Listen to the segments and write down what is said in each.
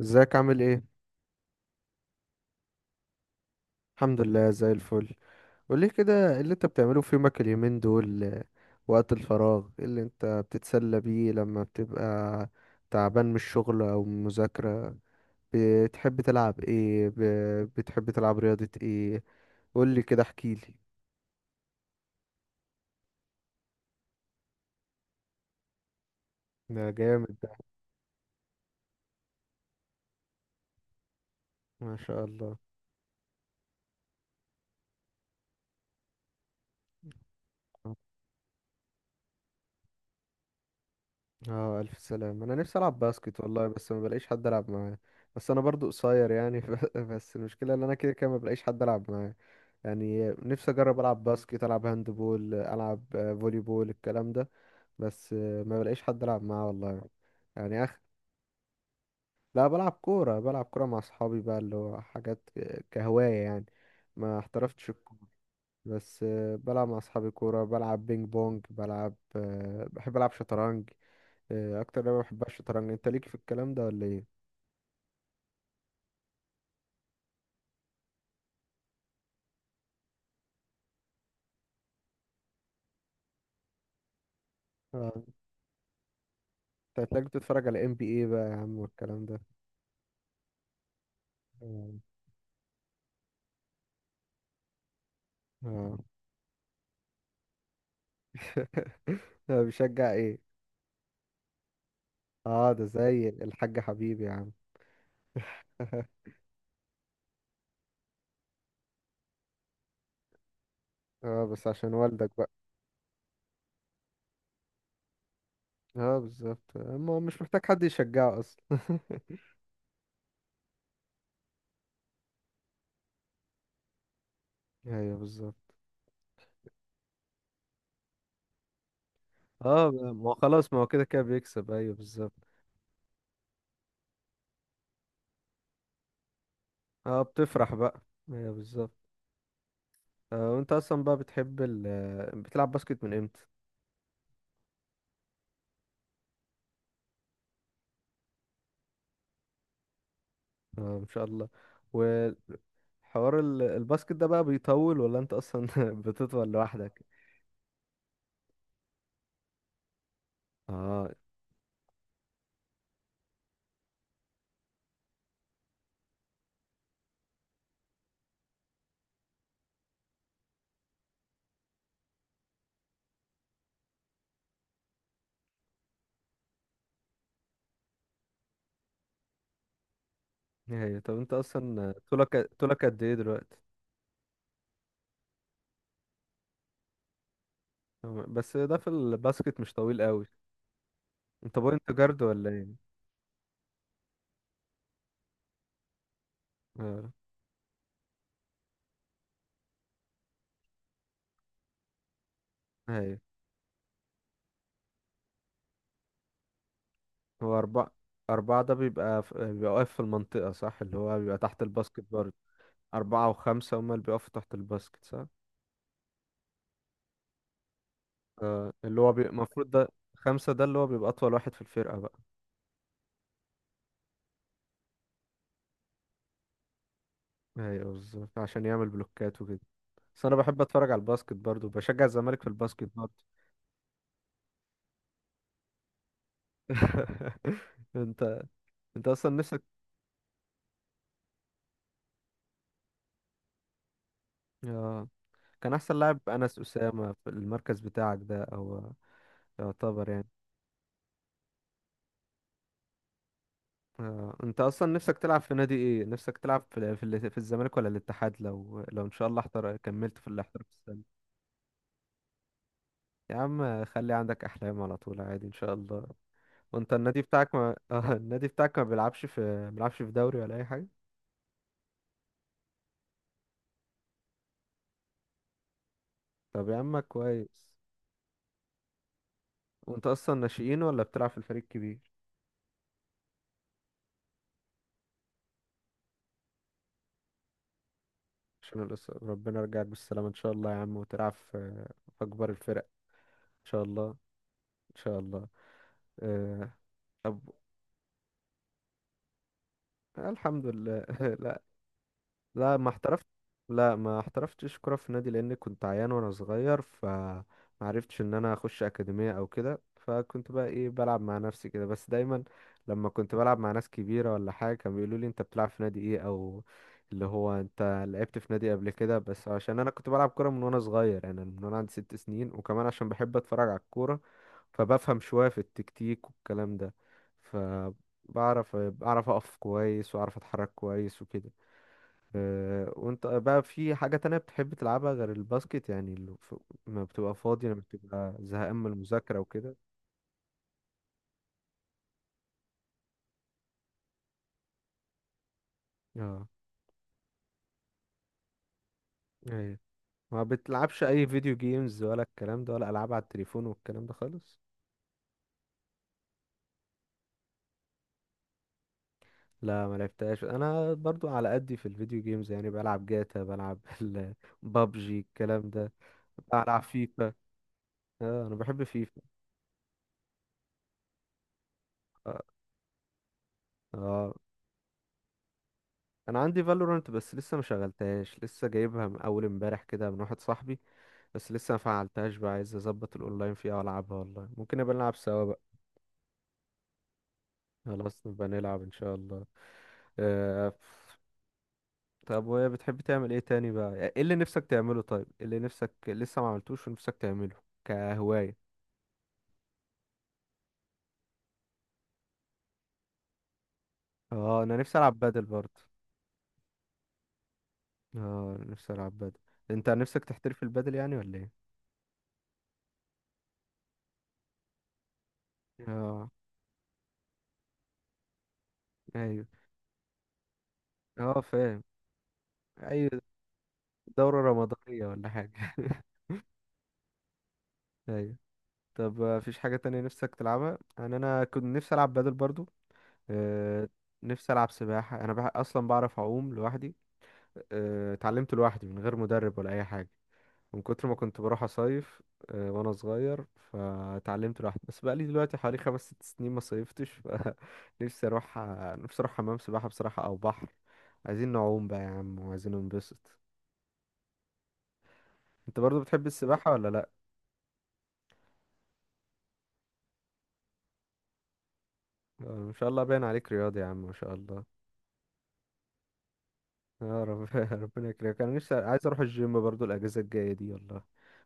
ازيك عامل ايه؟ الحمد لله زي الفل. قولي كده، ايه اللي انت بتعمله في يومك اليومين دول؟ وقت الفراغ ايه اللي انت بتتسلى بيه لما بتبقى تعبان من الشغل او من المذاكرة؟ بتحب تلعب ايه؟ بتحب تلعب رياضة ايه؟ قولي كده، احكيلي. ده جامد ده. ما شاء الله. اه الف سلام، انا نفسي العب باسكت والله بس ما بلاقيش حد العب معاه. بس انا برضو قصير يعني. بس المشكلة ان انا كده كده ما بلاقيش حد العب معاه، يعني نفسي اجرب العب باسكت، العب هاند بول، العب فولي بول، الكلام ده. بس ما بلاقيش حد العب معاه والله. يعني اخ. لا بلعب كوره، بلعب كوره مع اصحابي بقى، اللي هو حاجات كهوايه يعني. ما احترفتش الكورة، بس بلعب مع اصحابي كوره، بلعب بينج بونج، بلعب بحب العب شطرنج. اكتر لعبه بحبها الشطرنج، انت ليك في الكلام ده ولا ايه؟ انت هتلاقيك بتتفرج على ام بي اي بقى يا عم والكلام ده. آه. آه. بشجع ايه؟ اه ده زي الحاج حبيبي يا عم. اه بس عشان والدك بقى. اه بالظبط، ما هو مش محتاج حد يشجعه اصلا. ايوه بالظبط. اه ما هو خلاص، ما هو كده كده بيكسب. ايوه بالظبط. اه بتفرح بقى. ايوه بالظبط. آه وانت اصلا بقى بتحب ال آه، بتلعب باسكت من امتى؟ اه ان شاء الله. وحوار الباسكت ده بقى بيطول، ولا انت اصلا بتطول لوحدك؟ اه، ايوه طب انت اصلا طولك، طولك قد ايه دلوقتي؟ بس ده في الباسكت مش طويل قوي. انت بوينت جارد ولا ايه؟ اه ايوه. هو أربعة، أربعة ده بيبقى بيبقى واقف في المنطقة صح؟ اللي هو بيبقى تحت الباسكت برضه. أربعة وخمسة هما اللي بيقفوا تحت الباسكت صح؟ اه اللي هو المفروض ده، خمسة ده اللي هو بيبقى أطول واحد في الفرقة بقى. ايوه بالظبط، عشان يعمل بلوكات وكده. بس أنا بحب أتفرج على الباسكت برضه، بشجع الزمالك في الباسكت برضه. انت، انت اصلا نفسك. اه كان احسن لاعب انس اسامه في المركز بتاعك ده، او يعتبر يعني. انت اصلا نفسك تلعب في نادي ايه؟ نفسك تلعب في في الزمالك ولا الاتحاد، لو ان شاء الله كملت في الاحتراف السنة. يا عم خلي عندك احلام على طول، عادي ان شاء الله. وانت النادي بتاعك ما النادي بتاعك ما بيلعبش في، ما بيلعبش في دوري ولا اي حاجة؟ طب يا عم كويس. وانت اصلا ناشئين ولا بتلعب في الفريق الكبير؟ عشان ربنا يرجعك بالسلامة ان شاء الله يا عم، وتلعب في في اكبر الفرق ان شاء الله. ان شاء الله. آه، طب. الحمد لله. لا ما احترفت. لا ما احترفتش كرة في نادي، لان كنت عيان وانا صغير فما عرفتش ان انا اخش اكاديمية او كده، فكنت بقى ايه بلعب مع نفسي كده بس، دايما لما كنت بلعب مع ناس كبيرة ولا حاجة كانوا بيقولوا لي انت بتلعب في نادي ايه، او اللي هو انت لعبت في نادي قبل كده، بس عشان انا كنت بلعب كورة من وانا صغير، انا من وانا عندي ست سنين، وكمان عشان بحب اتفرج على الكورة، فبفهم شوية في التكتيك والكلام ده، فبعرف اقف كويس واعرف اتحرك كويس وكده. وانت بقى في حاجة تانية بتحب تلعبها غير الباسكت، يعني اللي ما بتبقى فاضي لما بتبقى زهقان من المذاكرة وكده؟ اه، ايوه. ما بتلعبش اي فيديو جيمز ولا الكلام ده، ولا العاب على التليفون والكلام ده خالص؟ لا ما لعبتهاش، انا برضو على قدي في الفيديو جيمز يعني، بلعب جاتا، بلعب بابجي، الكلام ده. بلعب فيفا. اه انا بحب فيفا. اه, آه. انا عندي فالورانت بس لسه ما شغلتهاش، لسه جايبها من اول امبارح كده من واحد صاحبي، بس لسه ما فعلتهاش بقى، عايز اظبط الاونلاين فيها والعبها، والله ممكن نبقى نلعب سوا بقى. خلاص نبقى نلعب ان شاء الله. آه... طب وهي بتحب تعمل ايه تاني بقى؟ يعني ايه اللي نفسك تعمله؟ طيب إيه اللي نفسك لسه ما عملتوش ونفسك تعمله كهواية؟ اه انا نفسي العب بادل برضه. اه نفسي العب بادل. انت نفسك تحترف البادل يعني ولا ايه؟ اه. ايوه. اه فاهم. ايوه دورة رمضانية ولا حاجة. ايوه. طب مفيش حاجة تانية نفسك تلعبها؟ انا كنت نفسي العب بادل برضو. آه، نفسي ألعب سباحة. أصلا بعرف أعوم لوحدي، اتعلمت لوحدي من غير مدرب ولا أي حاجة، من كتر ما كنت بروح أصيف وأنا صغير، فاتعلمت لوحدي، بس بقالي دلوقتي حوالي خمس ست سنين ما صيفتش. فنفسي أروح، نفسي أروح حمام سباحة بصراحة أو بحر، عايزين نعوم بقى يا عم وعايزين ننبسط. أنت برضو بتحب السباحة ولا لأ؟ ما شاء الله باين عليك رياضي يا عم، ما شاء الله. يا رب. ربنا يكرمك. أنا نفسي عايز أروح الجيم برضو الأجازة الجاية دي والله،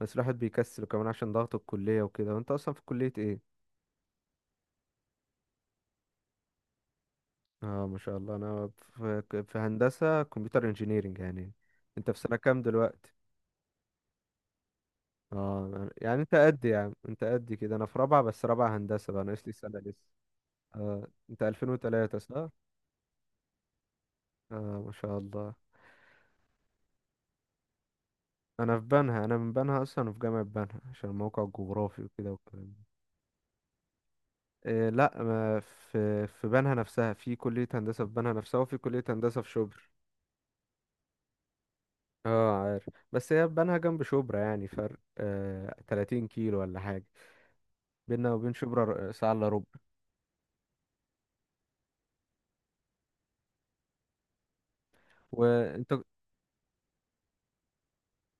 بس الواحد بيكسل كمان عشان ضغط الكلية وكده. وانت اصلا في كلية ايه؟ اه ما شاء الله. انا في, في هندسة كمبيوتر، انجينيرينج يعني. انت في سنة كام دلوقتي؟ اه يعني انت قد، يعني انت قد كده، انا في رابعة، بس رابعة هندسة بقى، ناقص لي سنة لسه. آه انت 2003 صح؟ اه ما شاء الله. انا في بنها، انا من بنها اصلا، في جامعة بنها عشان الموقع الجغرافي وكده والكلام ده. آه لا، ما في في بنها نفسها، في كلية هندسة في بنها نفسها، وفي كلية هندسة في شبرا. اه عارف، بس هي بنها جنب شبرا يعني، فرق آه 30 كيلو ولا حاجة، بيننا وبين شبرا ساعة الا ربع. وانت،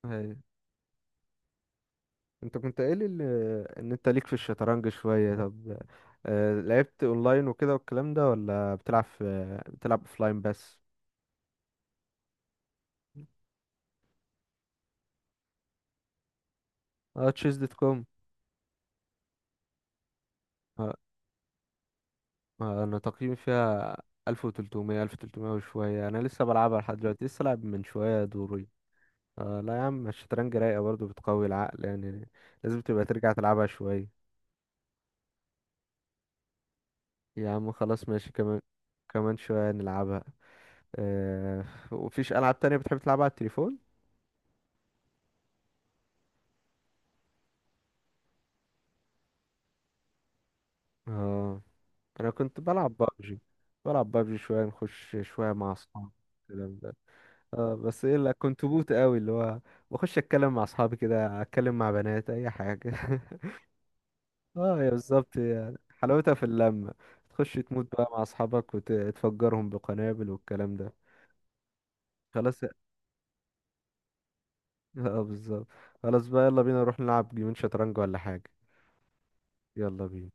آه، انت كنت قايل ان انت ليك في الشطرنج شوية. طب آه لعبت اونلاين وكده والكلام ده، ولا بتلعب في بتلعب اوفلاين بس؟ اه تشيز دوت كوم. آه، انا تقييمي فيها 1300، وشوية، انا لسه بلعبها لحد دلوقتي، لسه لعب من شوية دور. آه لا يا عم، الشطرنج رايقة برضه، بتقوي العقل يعني، لازم تبقى ترجع تلعبها شوية. يا عم خلاص ماشي، كمان، كمان شوية نلعبها. آه وفيش ألعاب تانية بتحب تلعبها على التليفون؟ اه أنا كنت بلعب بابجي، بلعب بابجي شوية نخش شوية مع أصحابي، الكلام ده. اه بس ايه، لا كنت بوت قوي، اللي هو بخش اتكلم مع اصحابي كده، اتكلم مع بنات، اي حاجه. اه يا بالظبط يعني، حلاوتها في اللمه، تخش تموت بقى مع اصحابك وتفجرهم بقنابل والكلام ده. خلاص. اه بالظبط. خلاص بقى، يلا بينا نروح نلعب جيمين شطرنج ولا حاجة. يلا بينا.